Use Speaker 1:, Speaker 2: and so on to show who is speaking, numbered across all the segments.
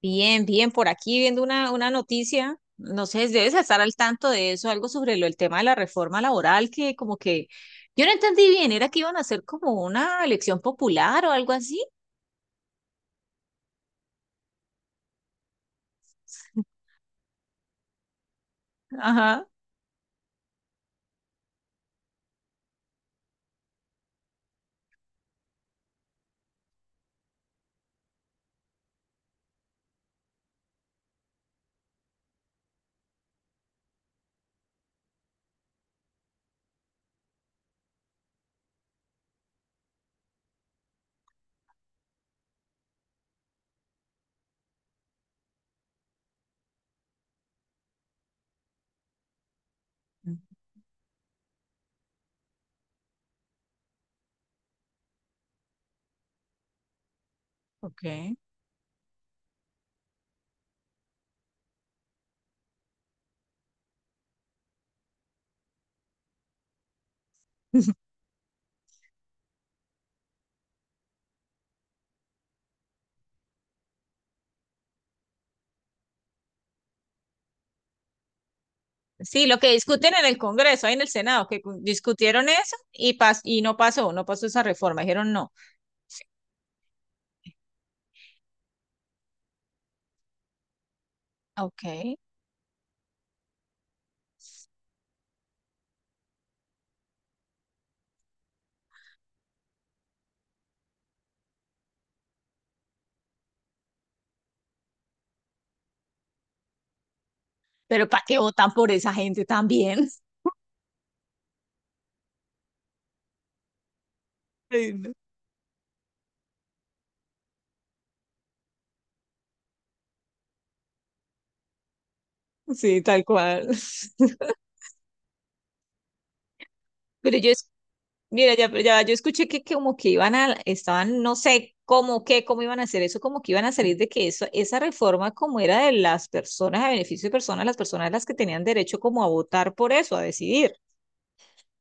Speaker 1: Bien, bien, por aquí viendo una noticia, no sé, debes estar al tanto de eso, algo sobre el tema de la reforma laboral, que como que yo no entendí bien, era que iban a hacer como una elección popular o algo así. Ajá. Okay. Sí, lo que discuten en el Congreso, ahí en el Senado, discutieron eso y, pas y no pasó, no pasó esa reforma, dijeron no. Ok. Pero ¿para qué votan por esa gente también? Ay, no. Sí, tal cual. Pero yo, Mira, ya, pero ya, yo escuché que como que iban a, estaban, no sé cómo, qué, cómo iban a hacer eso, como que iban a salir de que eso, esa reforma como era de las personas, a beneficio de personas las que tenían derecho como a votar por eso, a decidir,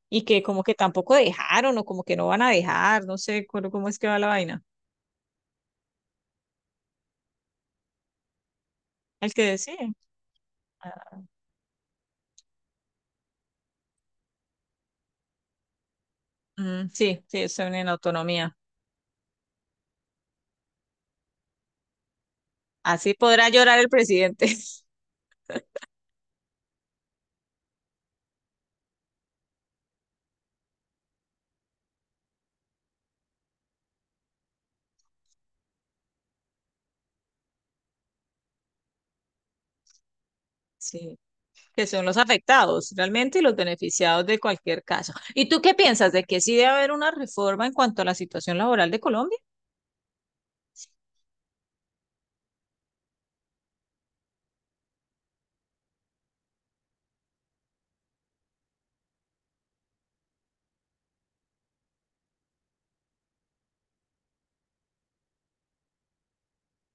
Speaker 1: y que como que tampoco dejaron o como que no van a dejar, no sé cómo, cómo es que va la vaina. El que decide. Ah, mm, sí, sí, eso en autonomía. Así podrá llorar el presidente. Sí. Que son los afectados realmente y los beneficiados de cualquier caso. ¿Y tú qué piensas de que sí debe haber una reforma en cuanto a la situación laboral de Colombia?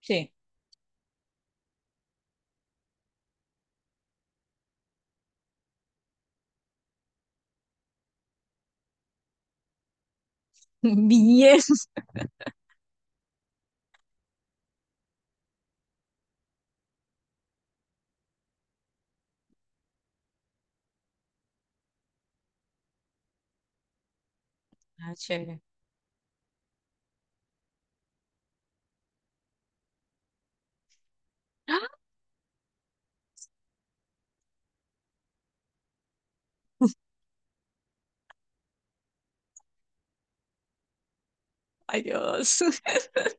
Speaker 1: Sí. Bien. Ah, chévere. ¡Ah! Ay, Dios.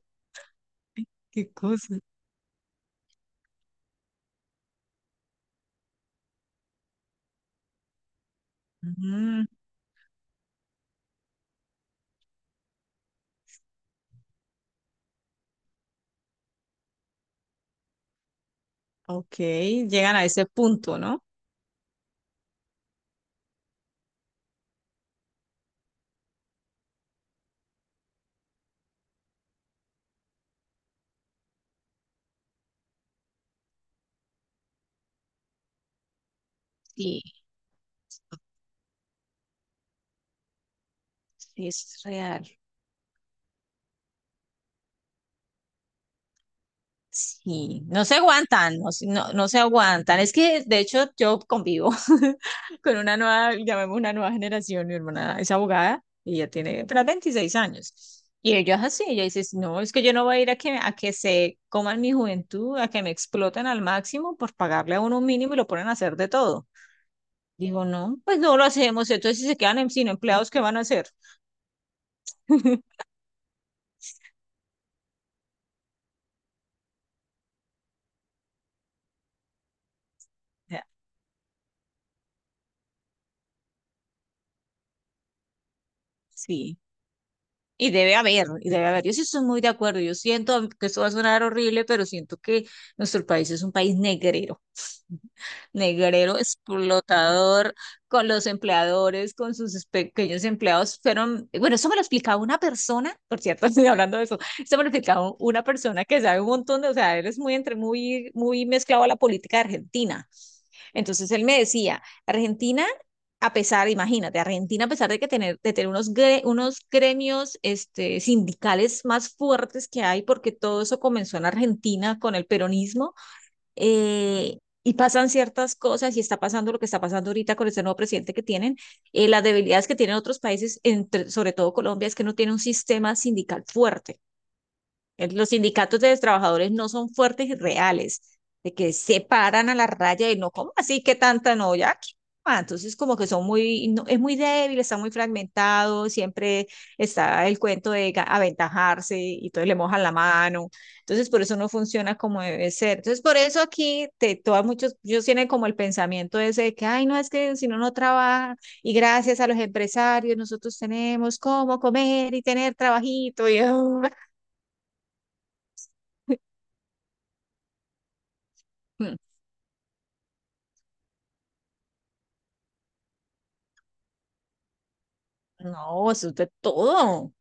Speaker 1: Qué cosa. Mm, ok, llegan a ese punto, ¿no? Sí, sí, es real. Sí, no se aguantan, no, no, no se aguantan. Es que, de hecho, yo convivo con una nueva, llamemos una nueva generación. Mi hermana es abogada y ella tiene apenas 26 años. Y ella es así, ella dice, no, es que yo no voy a ir a que se coman mi juventud, a que me exploten al máximo por pagarle a uno un mínimo y lo ponen a hacer de todo. Digo, no, pues no lo hacemos. Entonces, si se quedan sin empleados, ¿qué van a hacer? O sí, y debe haber, y debe haber. Yo sí estoy muy de acuerdo. Yo siento que esto va a sonar horrible, pero siento que nuestro país es un país negrero negrero, explotador con los empleadores, con sus pequeños empleados. Fueron, bueno, eso me lo explicaba una persona, por cierto, estoy hablando de eso, eso me lo explicaba una persona que sabe un montón de, o sea, él es muy, entre, muy, muy mezclado a la política de Argentina. Entonces él me decía, Argentina a pesar, imagínate, Argentina, a pesar de que tener, de tener unos, unos gremios este, sindicales más fuertes que hay, porque todo eso comenzó en Argentina con el peronismo, eh, y pasan ciertas cosas y está pasando lo que está pasando ahorita con este nuevo presidente que tienen, las debilidades que tienen otros países, entre, sobre todo Colombia, es que no tiene un sistema sindical fuerte. Los sindicatos de los trabajadores no son fuertes y reales, de que se paran a la raya y no, ¿cómo así que tanta no? Ya, ¿qué? Ah, entonces como que son muy, es muy débil, está muy fragmentado, siempre está el cuento de aventajarse y entonces le mojan la mano, entonces por eso no funciona como debe ser. Entonces por eso aquí te, todas muchos, ellos tienen como el pensamiento ese de que, ay, no, es que si no, no trabaja y gracias a los empresarios nosotros tenemos cómo comer y tener trabajito y... No, eso es de todo.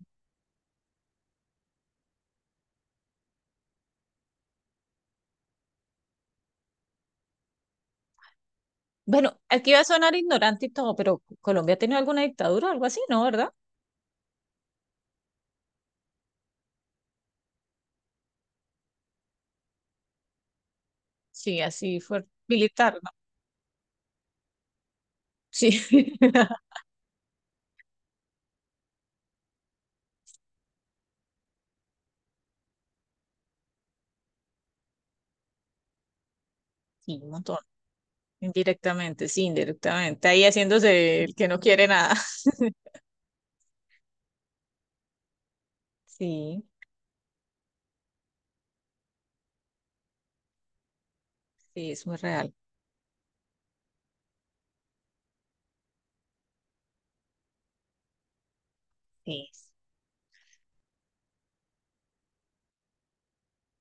Speaker 1: Bueno, aquí va a sonar ignorante y todo, pero Colombia ha tenido alguna dictadura o algo así, ¿no? ¿Verdad? Sí, así fue militar, ¿no? Sí, sí, un montón. Indirectamente, sí, indirectamente. Ahí haciéndose el que no quiere nada. Sí, sí, es muy real. Sí.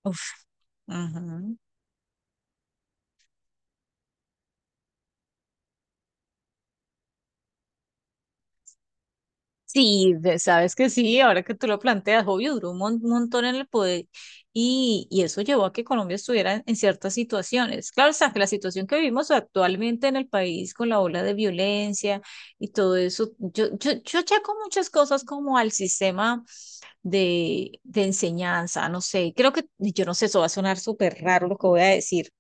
Speaker 1: Uf, ujú. Sí, sabes que sí, ahora que tú lo planteas, obvio, duró un montón en el poder y eso llevó a que Colombia estuviera en ciertas situaciones. Claro, está que la situación que vivimos actualmente en el país con la ola de violencia y todo eso, yo achaco muchas cosas como al sistema de enseñanza, no sé, creo que, yo no sé, eso va a sonar súper raro lo que voy a decir,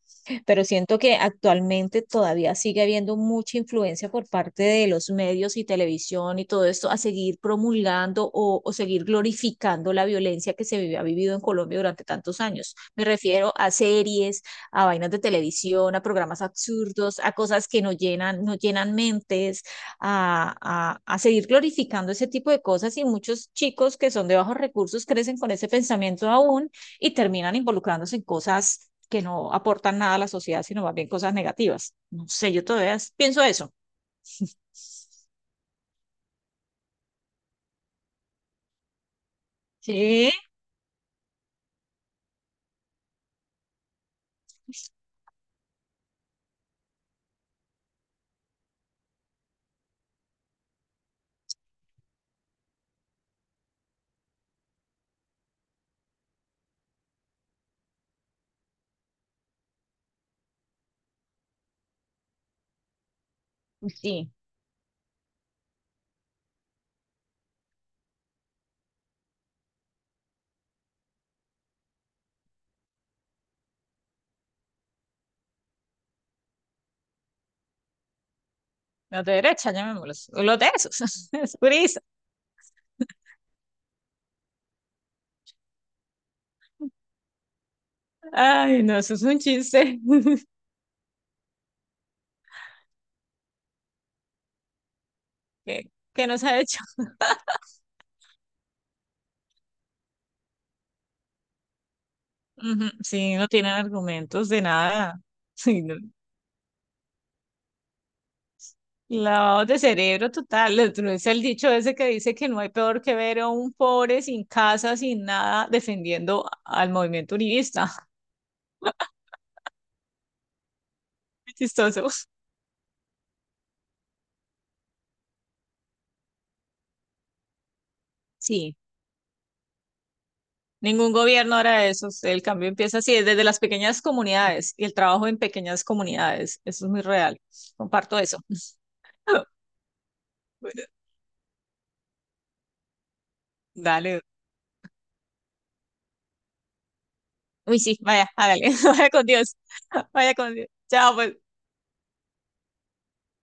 Speaker 1: pero siento que actualmente todavía sigue habiendo mucha influencia por parte de los medios y televisión y todo esto a seguir promulgando o seguir glorificando la violencia que ha vivido en Colombia durante tantos años. Me refiero a series, a vainas de televisión, a programas absurdos, a cosas que no llenan, no llenan mentes, a seguir glorificando ese tipo de cosas y muchos chicos que son de bajos recursos crecen con ese pensamiento aún y terminan involucrándose en cosas que no aportan nada a la sociedad, sino más bien cosas negativas. No sé, yo todavía pienso eso. Sí, sí, los de derecha, llamémoslos, los de esos, es purista. Ay, no, eso es un chiste que nos ha hecho. Uh -huh. Sí, no tienen argumentos de nada. Sí, no. Lavado de cerebro total. Otro es el dicho ese que dice que no hay peor que ver a un pobre sin casa, sin nada, defendiendo al movimiento univista. Chistoso. Sí, ningún gobierno hará eso. El cambio empieza así, desde las pequeñas comunidades y el trabajo en pequeñas comunidades. Eso es muy real. Comparto eso. Bueno, dale. Uy, sí, vaya, hágale. Vaya con Dios. Vaya con Dios. Chao, pues.